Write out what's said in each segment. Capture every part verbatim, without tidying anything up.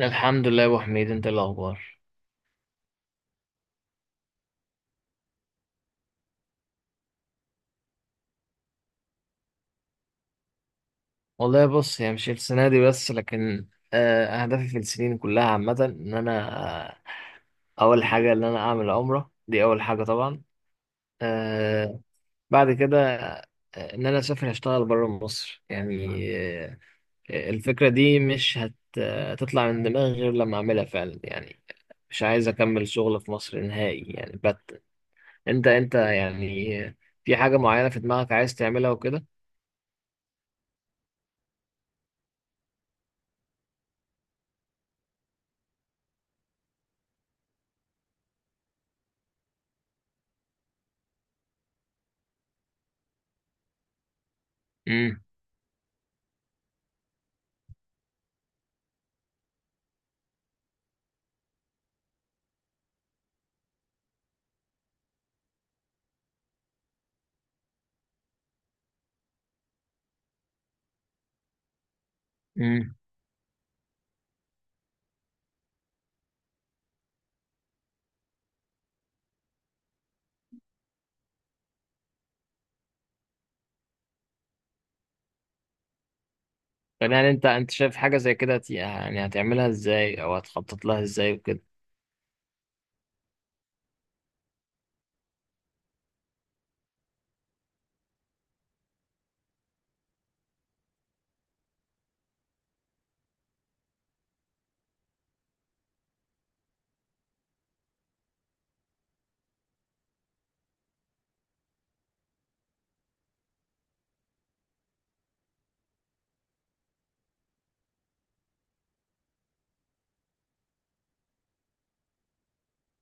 الحمد لله يا ابو حميد، انت إيه الاخبار؟ والله بص، هي مش السنه دي بس، لكن آه، اهدافي في السنين كلها عامه ان انا آه، اول حاجه ان انا اعمل عمره، دي اول حاجه طبعا. آه، بعد كده، آه، ان انا اسافر اشتغل بره مصر يعني. آه، الفكره دي مش هت- هتطلع من دماغي غير لما اعملها فعلا يعني. مش عايز اكمل شغل في مصر نهائي يعني بت انت انت يعني آه، في حاجه معينه في دماغك عايز تعملها وكده؟ امم. طب يعني انت انت شايف حاجة زي كده هت- يعني هتعملها ازاي او هتخطط لها ازاي وكده؟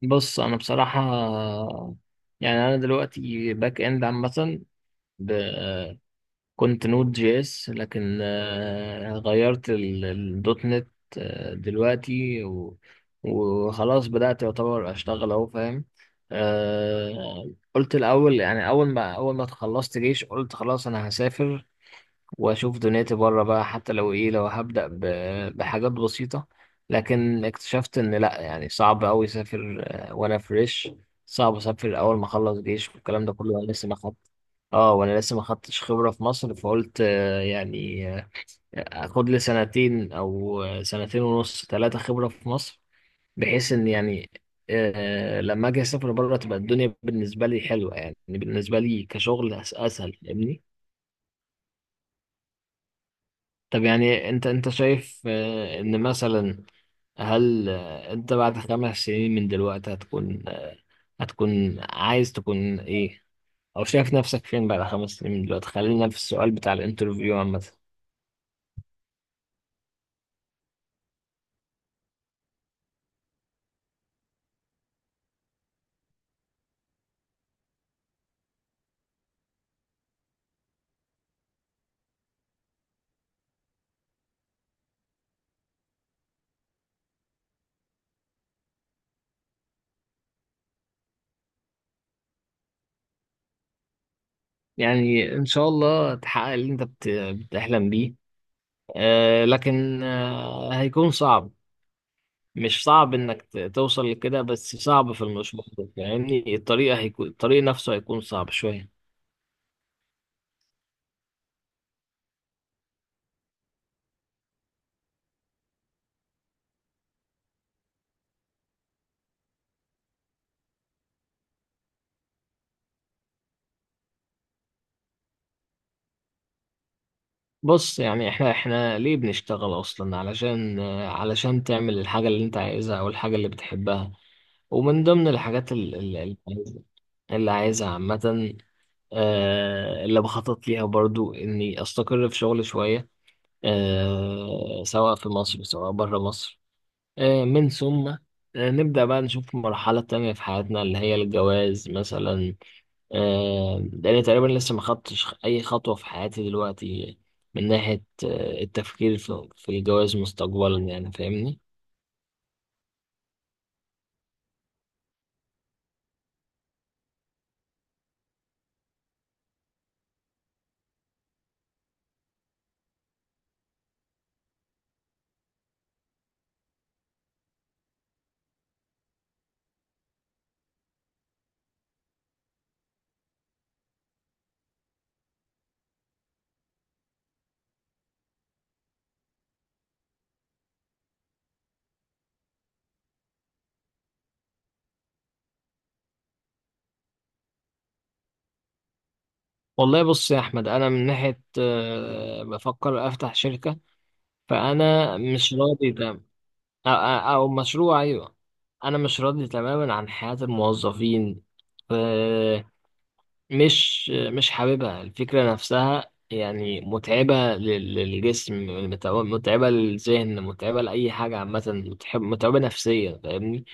بص، انا بصراحة يعني انا دلوقتي باك اند عامة. ب... كنت نود جي اس، لكن آه، غيرت ال- الدوت نت آه، دلوقتي و... وخلاص بدأت يعتبر اشتغل اهو، فاهم. آه، قلت الاول، يعني اول ما اول ما خلصت جيش قلت خلاص انا هسافر واشوف دنيتي بره بقى، حتى لو ايه، لو هبدأ ب- بحاجات بسيطة. لكن اكتشفت ان لا، يعني صعب اوي اسافر آه، وانا فريش. صعب اسافر اول ما اخلص جيش والكلام ده كله وانا لسه ما خدت. اه وانا لسه ما خدتش خبرة في مصر، فقلت آه، يعني آه، اخد لي سنتين او آه، سنتين ونص، ثلاثة خبرة في مصر، بحيث ان يعني آه، لما اجي اسافر بره تبقى الدنيا بالنسبة لي حلوة، يعني بالنسبة لي كشغل أس- اسهل، فاهمني. طب يعني انت انت شايف آه، ان مثلا، هل آه، انت بعد خمس سنين من دلوقتي هتكون آه، هتكون عايز تكون ايه، او شايف نفسك فين بعد خمس سنين من دلوقتي؟ خلينا في السؤال بتاع الانترفيو عامة. يعني ان شاء الله تحقق اللي انت بت- بتحلم بيه. آه لكن آه هيكون صعب. مش صعب انك ت- توصل لكده، بس صعب في المشوار، فاهمني. الطريقة هيكون الطريق نفسه هيكون صعب شوية. بص، يعني احنا احنا ليه بنشتغل اصلا؟ علشان علشان تعمل الحاجة اللي انت عايزها او الحاجة اللي بتحبها. ومن ضمن الحاجات ال- ال- اللي عايزها اللي عايزها عامة، آه، اللي بخطط ليها برضو اني استقر في شغل شوية، آه، سواء في مصر سواء بره مصر. آه، من ثم آه، نبدأ بقى نشوف مرحلة تانية في حياتنا، اللي هي الجواز مثلا، آه، لأن تقريبا لسه ما خدتش أي خطوة في حياتي دلوقتي من ناحية آه، التفكير في في الجواز مستقبلا، يعني فاهمني. والله بص يا أحمد، أنا من ناحية آه، بفكر أفتح شركة. فأنا مش راضي تمام، أو, أو مشروع. أيوه، أنا مش راضي تماما عن حياة الموظفين. مش مش حاببها. الفكرة نفسها يعني متعبة لل- للجسم، متع- متعبة للذهن، متعبة لأي حاجة عامة، متحب- متعبة نفسيا، فاهمني.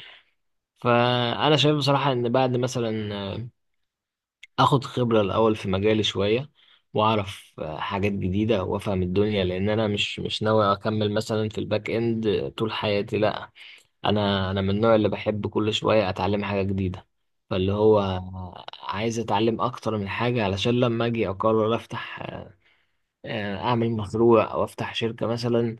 فأنا شايف بصراحة إن بعد مثلا آه، آخد خبرة الأول في مجالي شوية، وأعرف آه، حاجات جديدة وأفهم الدنيا، لأن أنا مش مش ناوي أكمل مثلا في الباك إند طول حياتي، لأ. انا انا من النوع اللي بحب كل شويه اتعلم حاجه جديده. فاللي هو عايز اتعلم اكتر من حاجه علشان لما اجي اقرر افتح، آه، اعمل مشروع او افتح شركه مثلا،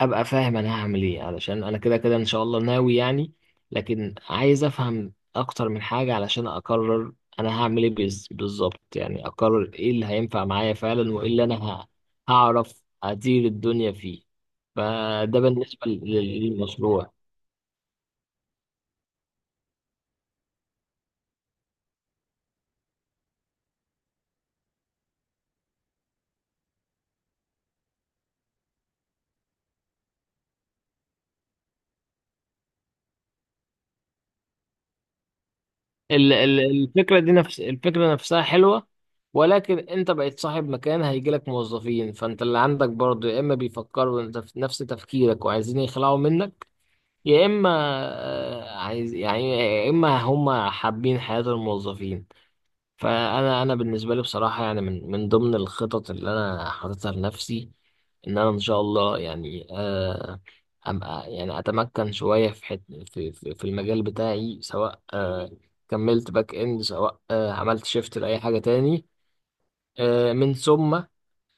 ابقى فاهم انا هعمل ايه، علشان انا كده كده ان شاء الله ناوي يعني. لكن عايز افهم اكتر من حاجه علشان اقرر انا هعمل ايه بز- بالظبط، يعني اقرر ايه اللي هينفع معايا فعلا، وايه اللي انا ه- هعرف ادير الدنيا فيه. فده بالنسبه لل- للمشروع. ال- ال- الفكرة دي، نفس الفكرة نفسها حلوة، ولكن انت بقيت صاحب مكان، هيجيلك موظفين، فانت اللي عندك برضه يا اما بيفكروا انت في نفس تفكيرك وعايزين يخلعوا منك، يا اما آه، عايز يعني، يا اما هم حابين حياة الموظفين. فانا انا بالنسبه لي بصراحه يعني من من ضمن الخطط اللي انا حاططها لنفسي، ان انا ان شاء الله يعني آه أبقى، يعني اتمكن شويه في حت في في في المجال بتاعي، سواء آه كملت باك اند، سواء آه عملت شيفت لاي حاجه تاني. آه من ثم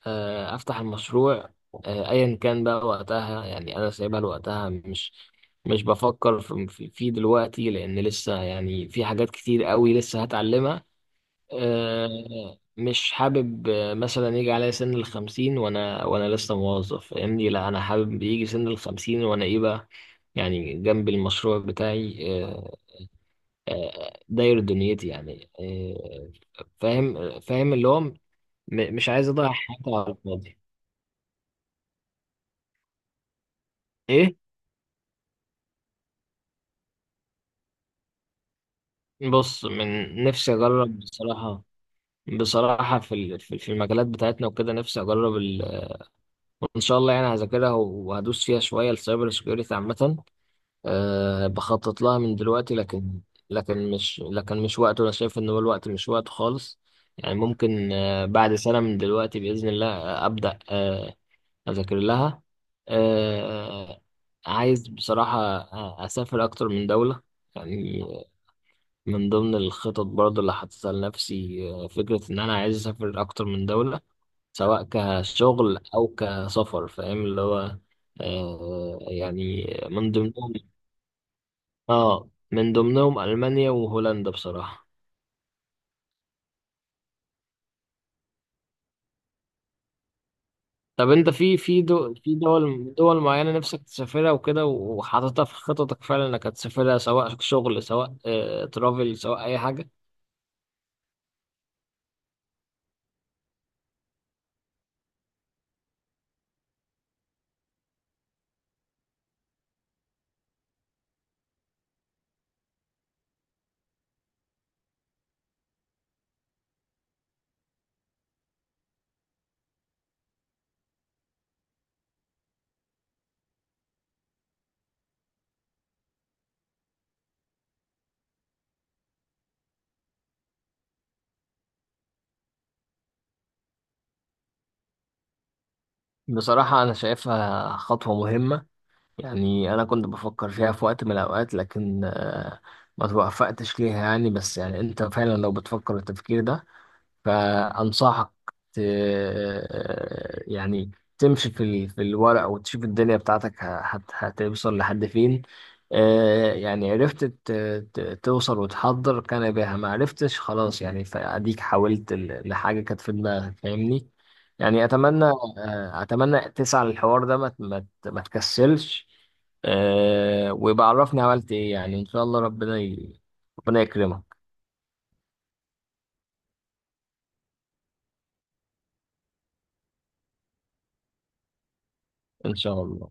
آه افتح المشروع، آه ايا كان بقى وقتها. يعني انا سايبها لوقتها، مش مش بفكر في في في دلوقتي، لان لسه يعني في حاجات كتير قوي لسه هتعلمها. آه، مش حابب آه، مثلا يجي عليا سن الخمسين وانا وانا لسه موظف، فاهمني. لا، انا حابب يجي سن الخمسين وانا ايه بقى؟ يعني جنب المشروع بتاعي آه، آه، داير دنيتي يعني آه، فاهم، فاهم اللي هو م- مش عايز اضيع حياتي على الفاضي. ايه، بص، من نفسي اجرب بصراحة. بصراحة في ال- في في المجالات بتاعتنا وكده، نفسي اجرب. ال... وان شاء الله يعني هذاكرها وهدوس فيها شوية، السايبر سكيورتي عامة. أه، بخطط لها من دلوقتي، لكن لكن مش لكن مش وقته. انا شايف ان هو الوقت مش وقته خالص. يعني ممكن أه بعد سنة من دلوقتي بإذن الله آه، أبدأ أه أذاكر لها. أه، عايز بصراحة آه، أسافر أكتر من دولة، يعني من ضمن الخطط برضه اللي حاططها لنفسي، آه، فكرة إن أنا عايز أسافر أكتر من دولة، سواء كشغل أو كسفر، فاهم اللي هو آه، يعني من ضمنهم اه من ضمنهم ألمانيا وهولندا بصراحة. طب انت في في دول في دول دول معينة نفسك تسافرها وكده، وحاططها في خططك فعلا انك هتسافرها، سواء شغل، سواء آه، ترافل، سواء اي حاجة؟ بصراحة انا شايفها خطوة مهمة. يعني انا كنت بفكر فيها في وقت من الاوقات، لكن آه، ما توفقتش ليها يعني. بس يعني انت فعلا لو بتفكر التفكير ده، فأنصحك ت... يعني تمشي في ال... في الورق وتشوف الدنيا بتاعتك ه- هت... هتوصل لحد فين. آه، يعني عرفت ت... ت... توصل وتحضر كان بها، ما عرفتش خلاص يعني، فأديك حاولت ل... لحاجة كانت في دماغك، فاهمني. يعني أتمنى آه، أتمنى تسعى للحوار ده، ما ت- ما ت- ما تكسلش. آه، ويبقى عرفني عملت إيه، يعني إن شاء الله ربنا ي... ربنا يكرمك، إن شاء الله.